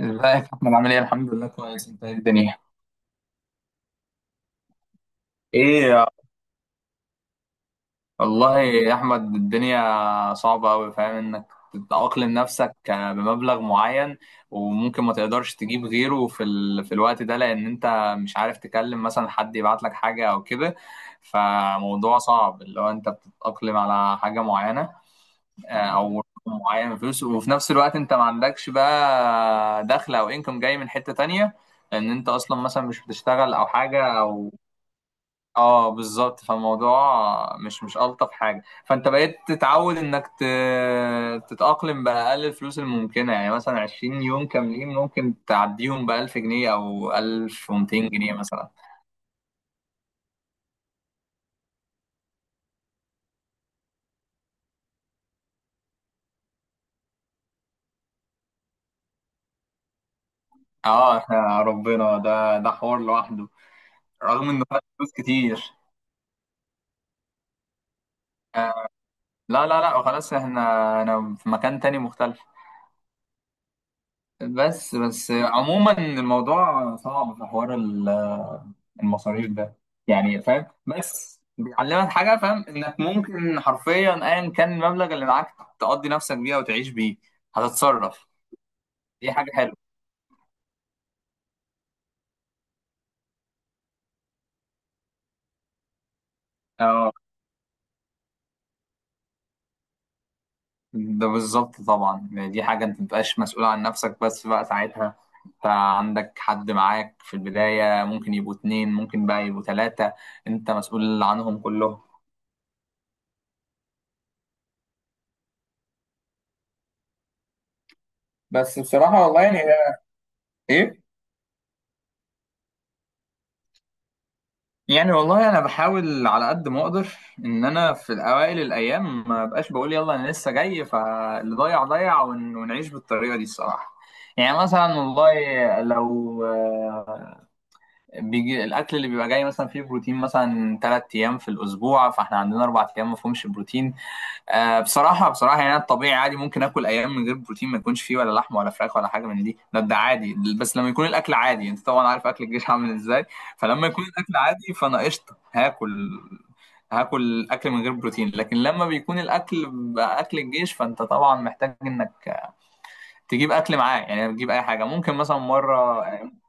ازيك يا احمد؟ عامل ايه؟ الحمد لله كويس. انت ايه الدنيا؟ ايه يا والله يا احمد الدنيا صعبه قوي. فاهم انك تتأقلم نفسك بمبلغ معين، وممكن ما تقدرش تجيب غيره في الوقت ده، لان انت مش عارف تكلم مثلا حد يبعت لك حاجه او كده. فموضوع صعب اللي هو انت بتتأقلم على حاجه معينه، او رقم معين من فلوس، وفي نفس الوقت انت ما عندكش بقى دخل او انكم جاي من حته تانية، لان انت اصلا مثلا مش بتشتغل او حاجه او اه بالظبط. فالموضوع مش الطف حاجه. فانت بقيت تتعود تتاقلم باقل الفلوس الممكنه، يعني مثلا 20 يوم كاملين ممكن تعديهم ب 1000 جنيه او 1200 جنيه مثلا. اه احنا ربنا ده حوار لوحده، رغم انه خد فلوس كتير. لا لا لا، وخلاص احنا، انا في مكان تاني مختلف. بس بس عموما الموضوع صعب في حوار المصاريف ده. يعني فاهم، بس بيعلمك حاجه، فاهم انك ممكن حرفيا ايا كان المبلغ اللي معاك تقضي نفسك بيه وتعيش بيه، هتتصرف. دي حاجه حلوه. اه ده بالظبط طبعا، يعني دي حاجه انت متبقاش مسؤول عن نفسك بس بقى ساعتها. انت عندك حد معاك في البدايه، ممكن يبقوا اتنين، ممكن بقى يبقوا تلاته، انت مسؤول عنهم كلهم. بس بصراحه والله ايه يعني. والله انا بحاول على قد ما اقدر ان انا في الاوائل الايام ما بقاش بقول يلا انا لسه جاي، فاللي ضيع ضيع، ونعيش بالطريقه دي الصراحه. يعني مثلا والله لو بيجي الاكل اللي بيبقى جاي مثلا فيه بروتين مثلا ثلاث ايام في الاسبوع، فاحنا عندنا اربع ايام ما فيهمش بروتين. آه، بصراحة بصراحة يعني أنا الطبيعي عادي ممكن آكل أيام من غير بروتين، ما يكونش فيه ولا لحمة ولا فراخ ولا حاجة من دي، ده عادي. بس لما يكون الأكل عادي، أنت طبعا عارف أكل الجيش عامل إزاي. فلما يكون الأكل عادي فأنا قشطة هاكل، هاكل أكل من غير بروتين. لكن لما بيكون الأكل بقى أكل الجيش فأنت طبعا محتاج إنك تجيب أكل معاه، يعني تجيب أي حاجة، ممكن مثلا مرة،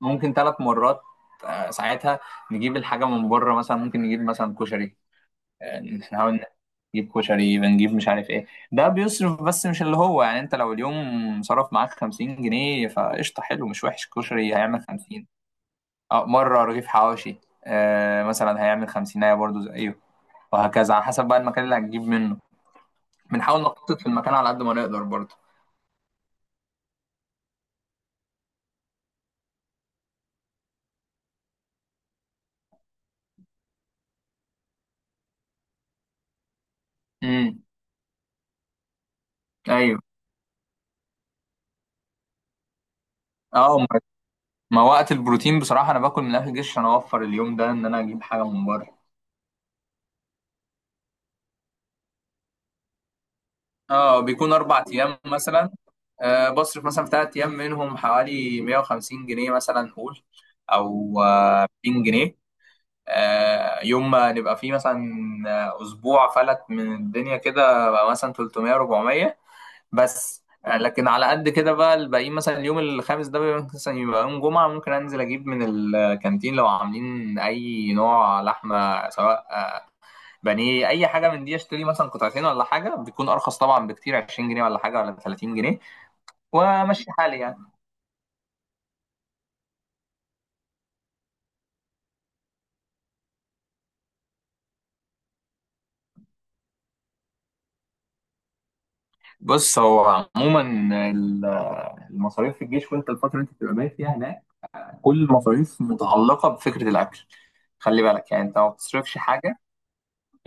ممكن ثلاث مرات. ساعتها نجيب الحاجة من بره، مثلا ممكن نجيب مثلا كشري. نحاول نجيب كشري، بنجيب مش عارف ايه، ده بيصرف بس مش اللي هو يعني. انت لو اليوم صرف معاك 50 جنيه فقشطة، حلو مش وحش، كشري هيعمل 50. اه مرة رغيف حواشي، آه مثلا هيعمل 50 برضه زيه، وهكذا على حسب بقى المكان اللي هتجيب منه. بنحاول نخطط في المكان على قد ما نقدر برضه. امم. ايوه. اه، ما وقت البروتين بصراحة انا باكل من الاكل الجيش عشان اوفر اليوم ده ان انا اجيب حاجة من بره. اه بيكون اربع ايام مثلا. آه بصرف مثلا في ثلاث ايام منهم حوالي 150 جنيه مثلا نقول، او آه 200 جنيه. آه يوم ما نبقى فيه مثلا اسبوع فلت من الدنيا كده بقى مثلا 300 400. بس آه لكن على قد كده بقى الباقيين، مثلا اليوم الخامس ده بيبقى مثلا يبقى يوم جمعة، ممكن انزل اجيب من الكانتين لو عاملين اي نوع لحمة، سواء بانيه اي حاجه من دي، اشتري مثلا قطعتين ولا حاجه، بيكون ارخص طبعا بكتير، 20 جنيه ولا حاجه ولا 30 جنيه، وامشي حالي يعني. بص هو عموما ال- المصاريف في الجيش، وانت الفتره اللي انت بتبقى بايت فيها هناك، كل المصاريف متعلقه بفكره الاكل. خلي بالك، يعني انت ما بتصرفش حاجه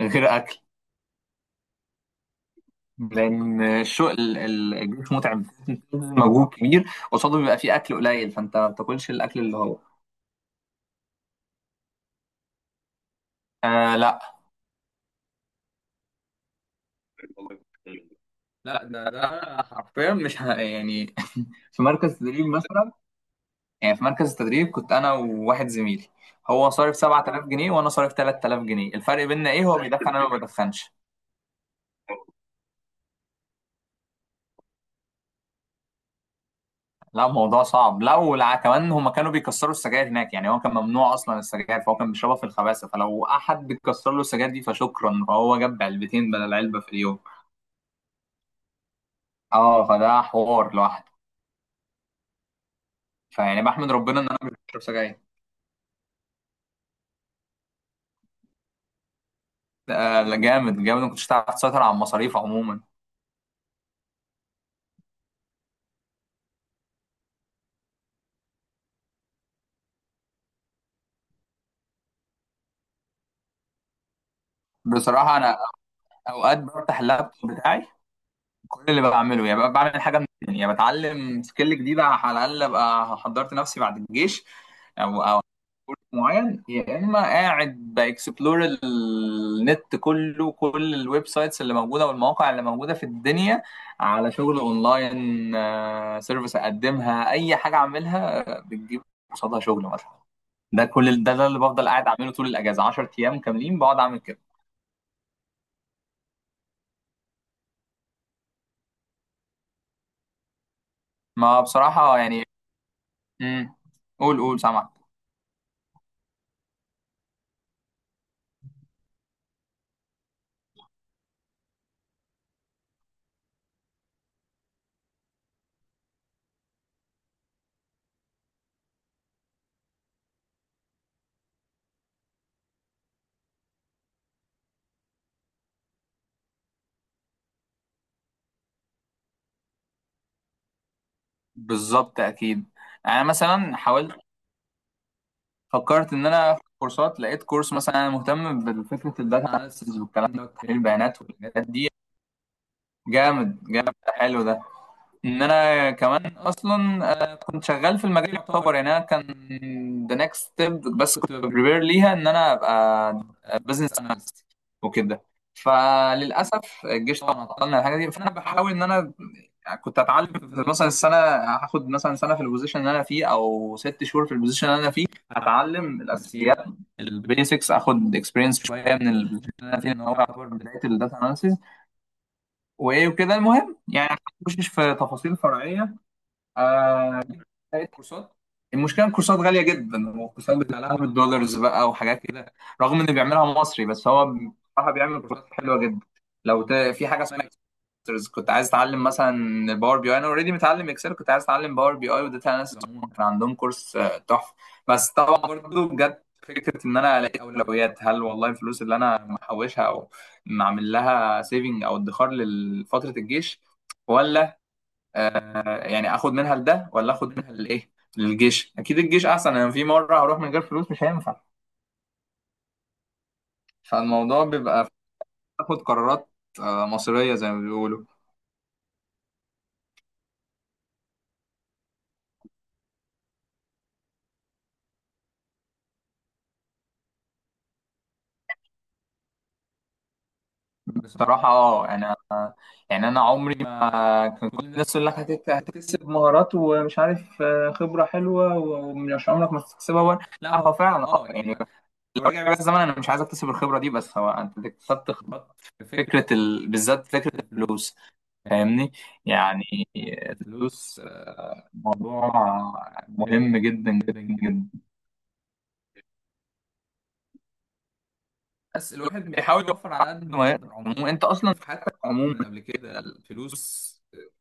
غير اكل، لان الشغل الجيش متعب مجهود كبير، قصاده بيبقى فيه اكل قليل، فانت ما بتاكلش الاكل اللي هو آه لا. لا، ده حرفيا مش ه- يعني في مركز تدريب مثلا. يعني في مركز التدريب كنت انا وواحد زميلي، هو صارف 7000 جنيه وانا صارف 3000 جنيه. الفرق بيننا ايه؟ هو بيدخن انا ما بدخنش. لا الموضوع صعب، لا. ولا كمان هما كانوا بيكسروا السجاير هناك، يعني هو كان ممنوع اصلا السجاير، فهو كان بيشربها في الخباثه، فلو احد بيكسر له السجاير دي فشكرا، فهو جاب علبتين بدل علبه في اليوم. اه فده حوار لوحده. فيعني بحمد ربنا ان انا مش بشرب سجاير. ده لا جامد جامد، ما كنتش هتعرف تسيطر على المصاريف عموما. بصراحه انا اوقات بفتح اللابتوب بتاعي، كل اللي بعمله يعني ببقى بعمل حاجه من الاتنين. يعني بتعلم سكيل جديده، على الاقل ابقى حضرت نفسي بعد الجيش او معين، يا اما قاعد باكسبلور النت كله، كل الويب سايتس اللي موجوده والمواقع اللي موجوده في الدنيا على شغل اونلاين. سيرفيس اقدمها، اي حاجه اعملها، بتجيب قصادها شغل مثلا. ده كل ده اللي بفضل قاعد اعمله طول الاجازه، 10 ايام كاملين بقعد اعمل كده. ما بصراحه يعني امم. قول قول سامع. بالظبط اكيد. يعني انا مثلا حاولت، فكرت ان انا اخد كورسات، لقيت كورس مثلا انا مهتم بفكره الداتا اناليسيز والكلام ده وتحليل البيانات والحاجات دي. جامد جامد، حلو ده. ان انا كمان اصلا كنت شغال في المجال يعتبر، يعني انا كان ذا نيكست ستيب، بس كنت بريبير ليها ان انا ابقى بزنس اناليست وكده. فللاسف الجيش طبعا عطلنا الحاجه دي، فانا بحاول ان انا كنت اتعلم في مثلا السنه، هاخد مثلا سنه في البوزيشن اللي انا فيه او ست شهور في البوزيشن اللي انا فيه، هتعلم الاساسيات البيسكس، اخد اكسبيرينس شويه من البوزيشن اللي انا فيه، ان هو يعتبر بدايه الداتا اناليسيز وايه وكده، المهم يعني مش في تفاصيل فرعيه. لقيت كورسات، المشكله الكورسات غاليه جدا، والكورسات بتاع 1000 دولارز بقى وحاجات كده، رغم انه بيعملها مصري بس هو بصراحه بيعمل كورسات حلوه جدا. في حاجه اسمها Masters، كنت عايز اتعلم مثلا باور بي اي، انا اوريدي متعلم اكسل، كنت عايز اتعلم باور بي اي وداتا اناليسيس عموما، كان عندهم كورس تحفه. بس طبعا برضه بجد فكره ان انا الاقي اولويات، هل والله الفلوس اللي انا محوشها او معمل لها سيفنج او ادخار لفتره الجيش، ولا آه يعني اخد منها لده، ولا اخد منها للايه؟ للجيش اكيد، الجيش احسن، انا في مره هروح من غير فلوس مش هينفع. فالموضوع بيبقى باخد قرارات آه مصيريه زي ما بيقولوا. بصراحه اه يعني، يعني انا عمري ما كان، كل الناس تقول لك هتكتسب مهارات، ومش عارف خبره حلوه ومش عمرك ما هتكتسبها، ولا لا هو فعلا اه يعني، لو رجع بيا الزمن انا مش عايز اكتسب الخبره دي، بس هو انت اكتسبت خبرات في فكره بالذات فكره الفلوس، فاهمني. يعني الفلوس موضوع مهم جدا جدا جدا. بس الواحد بيحاول يوفر على قد ما يقدر. عموما انت اصلا في عموما قبل كده الفلوس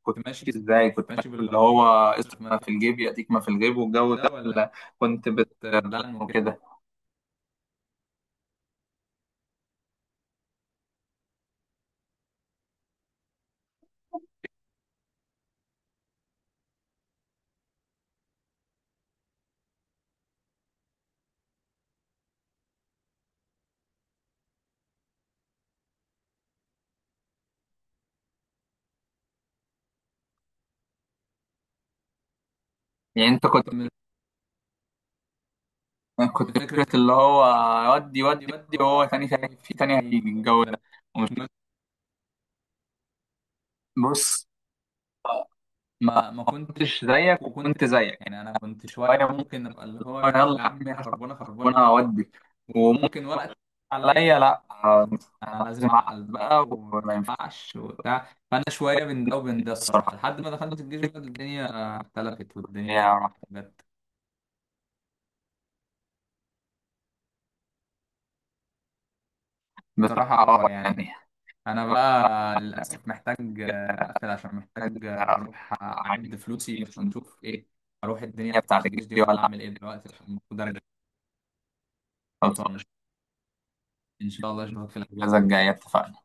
كنت ماشي ازاي؟ كنت ماشي باللي هو اصرف ما في الجيب ياتيك ما في الجيب، والجو ده، ولا كنت بتدلع وكده. يعني انت كنت من كنت فكرة اللي هو ودي ودي ودي، وهو تاني تاني في تاني، هيجي الجو ده ومش- بص. زيك زيك اودي عليا، لا، بقى وما راحت. الجايه اتفقنا.